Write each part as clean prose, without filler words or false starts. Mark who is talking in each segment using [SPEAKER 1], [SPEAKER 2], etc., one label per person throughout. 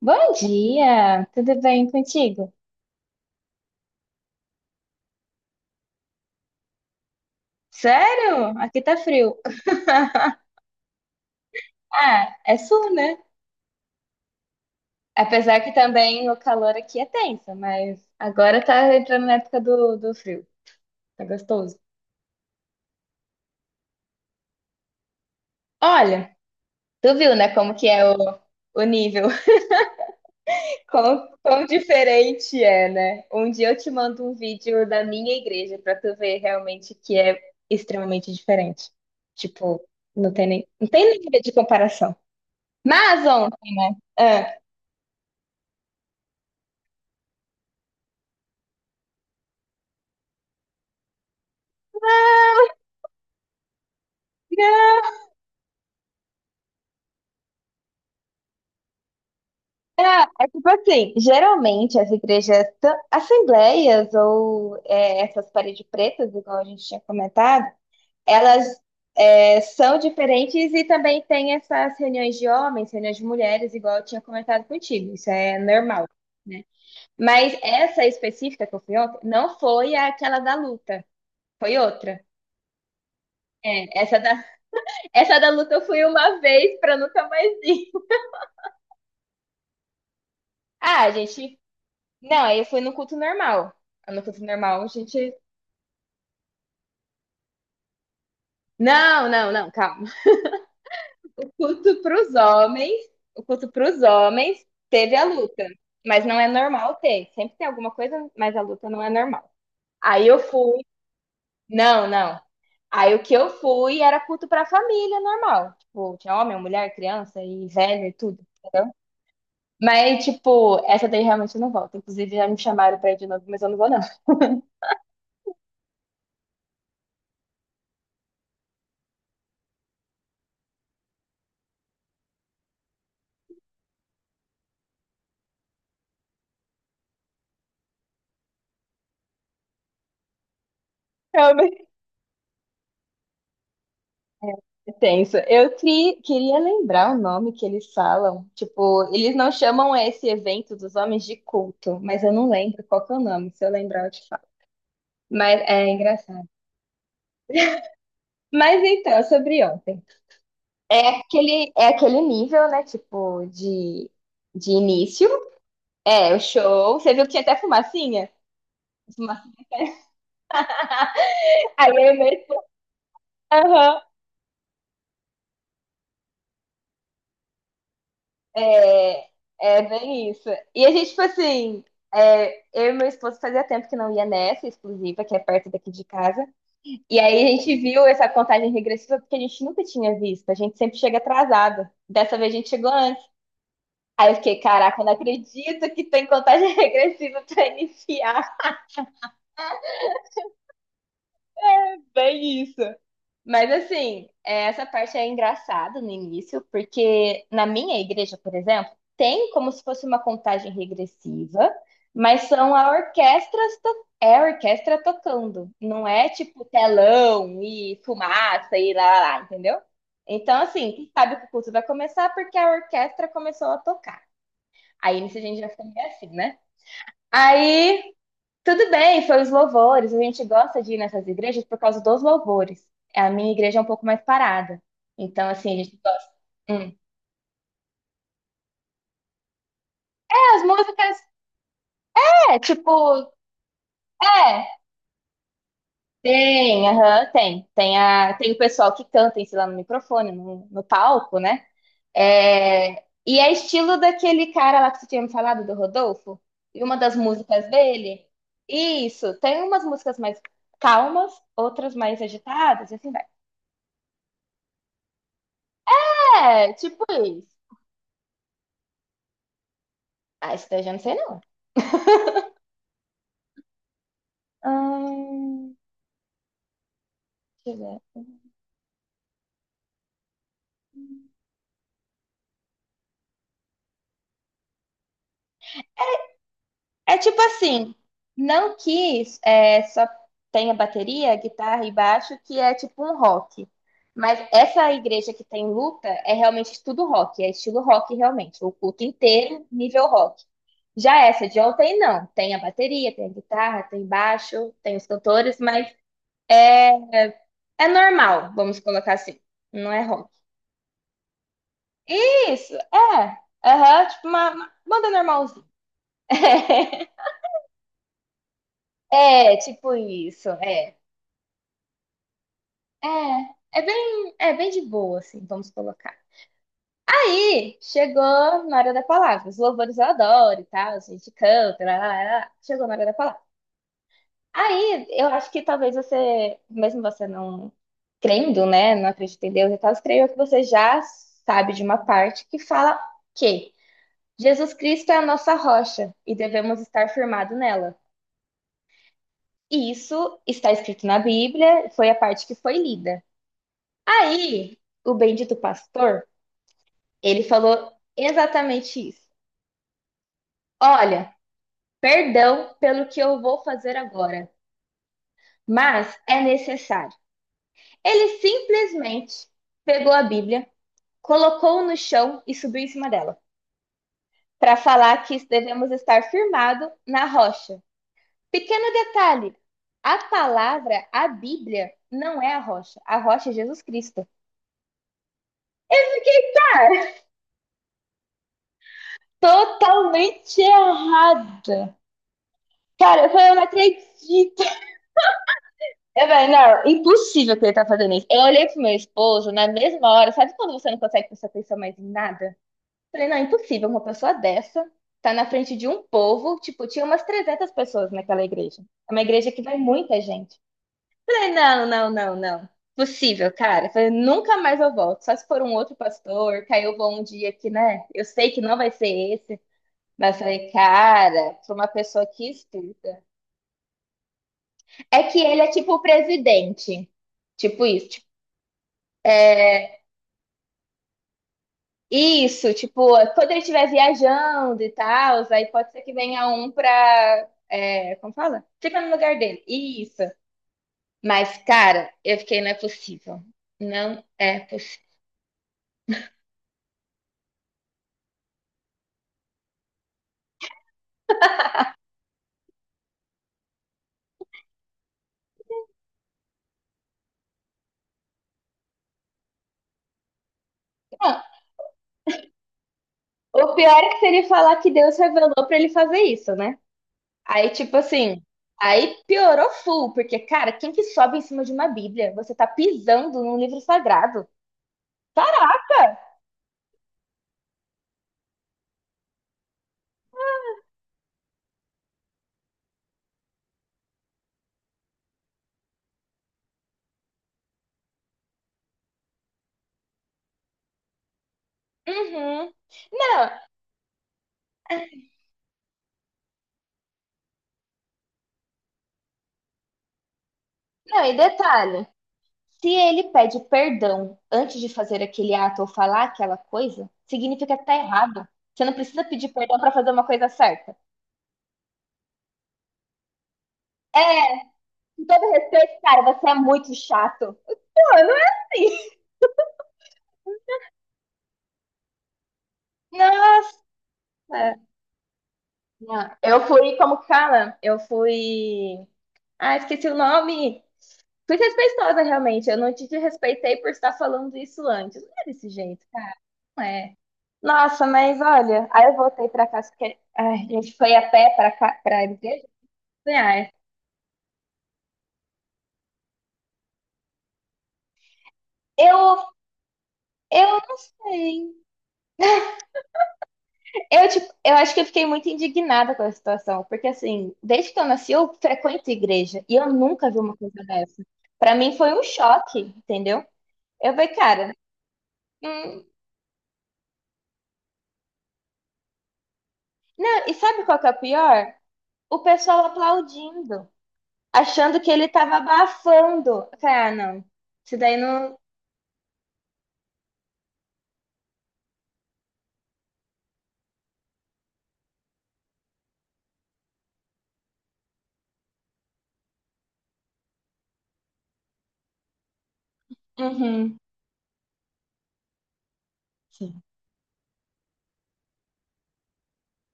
[SPEAKER 1] Bom dia, tudo bem contigo? Sério? Aqui tá frio. Ah, é sul, né? Apesar que também o calor aqui é tenso, mas agora tá entrando na época do frio. Tá gostoso. Olha, tu viu, né, como que é o nível? Quão diferente é, né? Um dia eu te mando um vídeo da minha igreja pra tu ver realmente que é extremamente diferente. Tipo, não tem nem nível de comparação. Mas, ontem, ah, É, é tipo assim, geralmente as igrejas, assembleias ou essas paredes pretas, igual a gente tinha comentado, elas são diferentes e também tem essas reuniões de homens, reuniões de mulheres, igual eu tinha comentado contigo, isso é normal, né? Mas essa específica que eu fui ontem não foi aquela da luta, foi outra. É, essa da luta eu fui uma vez pra nunca mais ir. Ah, não, aí eu fui no culto normal. No culto normal, a gente Não, não, não, calma. O culto para os homens, o culto para os homens teve a luta, mas não é normal ter. Sempre tem alguma coisa, mas a luta não é normal. Aí eu fui, não, não. Aí o que eu fui era culto para a família normal. Tipo, tinha homem, mulher, criança e velho e tudo. Mas, tipo, essa daí realmente eu não volto. Inclusive, já me chamaram pra ir de novo, mas eu não vou, não. É tenso. Eu queria lembrar o nome que eles falam. Tipo, eles não chamam esse evento dos homens de culto, mas eu não lembro qual que é o nome. Se eu lembrar, eu te falo. Mas é engraçado. Mas então, sobre ontem. É aquele nível, né? Tipo, de início. É, o show. Você viu que tinha até fumacinha? Fumacinha. Aí eu mesmo. É, é bem isso. E a gente, tipo assim, eu e meu esposo fazia tempo que não ia nessa exclusiva, que é perto daqui de casa. E aí a gente viu essa contagem regressiva porque a gente nunca tinha visto. A gente sempre chega atrasado. Dessa vez a gente chegou antes. Aí eu fiquei, caraca, eu não acredito que tem contagem regressiva pra iniciar. Bem isso. Mas assim, essa parte é engraçada no início, porque na minha igreja, por exemplo, tem como se fosse uma contagem regressiva, mas são a orquestra tocando, não é tipo telão e fumaça e lá, lá, lá, entendeu? Então, assim, sabe que o culto vai começar porque a orquestra começou a tocar. Aí nisso a gente já fica meio assim, né? Aí tudo bem, foi os louvores. A gente gosta de ir nessas igrejas por causa dos louvores. A minha igreja é um pouco mais parada. Então, assim, a gente gosta. Hum. É, as músicas, é, tipo, é, tem, aham, tem. Tem o pessoal que canta em si lá no microfone, no palco, né? É, e é estilo daquele cara lá que você tinha me falado, do Rodolfo. E uma das músicas dele. Isso, tem umas músicas mais calmas, outras mais agitadas, e assim vai. É, tipo isso. Ah, isso daí eu já não sei, não. Hum, deixa eu ver. É tipo assim, não que é, só tenha bateria, guitarra e baixo, que é tipo um rock. Mas essa igreja que tem luta é realmente tudo rock, é estilo rock realmente, o culto inteiro, nível rock. Já essa de ontem, não. Tem a bateria, tem a guitarra, tem baixo, tem os cantores, mas é, é normal, vamos colocar assim. Não é rock. Isso, é. Aham, tipo uma banda normal, É, tipo isso, é. É, é bem de boa, assim, vamos colocar. Aí, chegou na hora da palavra. Os louvores eu adoro e tal, a gente canta, lá, lá, lá, lá. Chegou na hora da palavra. Aí, eu acho que talvez você, mesmo você não crendo, né, não acredita em Deus e tal, creio que você já sabe de uma parte que fala que Jesus Cristo é a nossa rocha e devemos estar firmado nela. E isso está escrito na Bíblia, foi a parte que foi lida. Aí, o bendito pastor, ele falou exatamente isso. Olha, perdão pelo que eu vou fazer agora, mas é necessário. Ele simplesmente pegou a Bíblia, colocou no chão e subiu em cima dela, para falar que devemos estar firmado na rocha. Pequeno detalhe, a palavra, a Bíblia, não é a rocha. A rocha é Jesus Cristo. Totalmente errada. Cara, eu falei, eu não acredito. Eu falei, não, impossível que ele tá fazendo isso. Eu olhei pro meu esposo na mesma hora, sabe quando você não consegue prestar atenção mais em nada? Eu falei, não, impossível, uma pessoa dessa tá na frente de um povo, tipo, tinha umas 300 pessoas naquela igreja. É uma igreja que vai muita gente. Eu falei, não, não, não, não. Possível, cara. Eu falei, nunca mais eu volto. Só se for um outro pastor, que aí eu vou um dia que, né? Eu sei que não vai ser esse. Mas eu falei, cara, pra uma pessoa que estuda É que ele é tipo o presidente. Tipo isso, tipo, é, isso, tipo, quando ele estiver viajando e tal, aí pode ser que venha um pra, como fala? Fica no lugar dele. Isso. Mas, cara, eu fiquei, não é possível. Não é possível. Não, o pior é que se ele falar que Deus revelou pra ele fazer isso, né? Aí, tipo assim, aí piorou full, porque, cara, quem que sobe em cima de uma Bíblia? Você tá pisando num livro sagrado. Uhum. Não, não, e detalhe, se ele pede perdão antes de fazer aquele ato ou falar aquela coisa, significa que tá errado. Você não precisa pedir perdão pra fazer uma coisa certa. Com todo respeito, cara, você é muito chato. Mano, nossa! Não, eu fui, como que fala? Eu fui. Ah, esqueci o nome. Fui respeitosa, realmente. Eu não te respeitei por estar falando isso antes. Não é desse jeito, é. Nossa, mas olha, aí eu voltei pra casa porque ai, a gente foi a pé pra cá, pra igreja. É. Eu, eu não sei. Eu, tipo, eu acho que eu fiquei muito indignada com a situação, porque assim, desde que eu nasci, eu frequento igreja e eu nunca vi uma coisa dessa. Pra mim foi um choque, entendeu? Eu falei, cara, hum, não, e sabe qual que é o pior? O pessoal aplaudindo, achando que ele tava abafando. Eu falei, ah, não. Isso daí não. Uhum.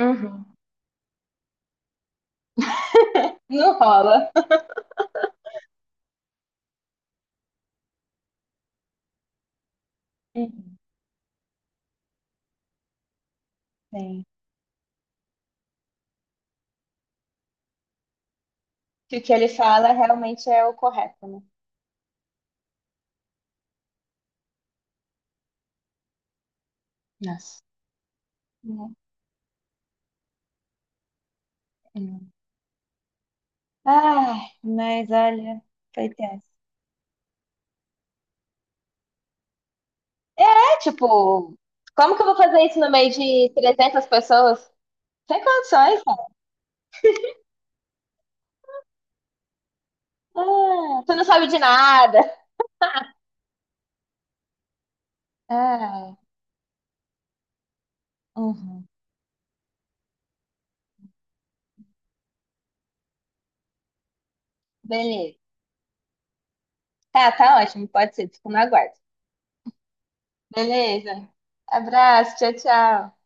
[SPEAKER 1] Uhum. Não rola. Uhum. Sim. Que o que ele fala realmente é o correto, né? Nossa. Uhum. Uhum. Ai, mas olha, foi tenso. É tipo, como que eu vou fazer isso no meio de 300 pessoas? Sem condições, cara. Ah, tu não sabe de nada. Ah, uhum. Beleza. Tá, tá ótimo, pode ser. Fico no aguardo. Beleza. Abraço, tchau, tchau.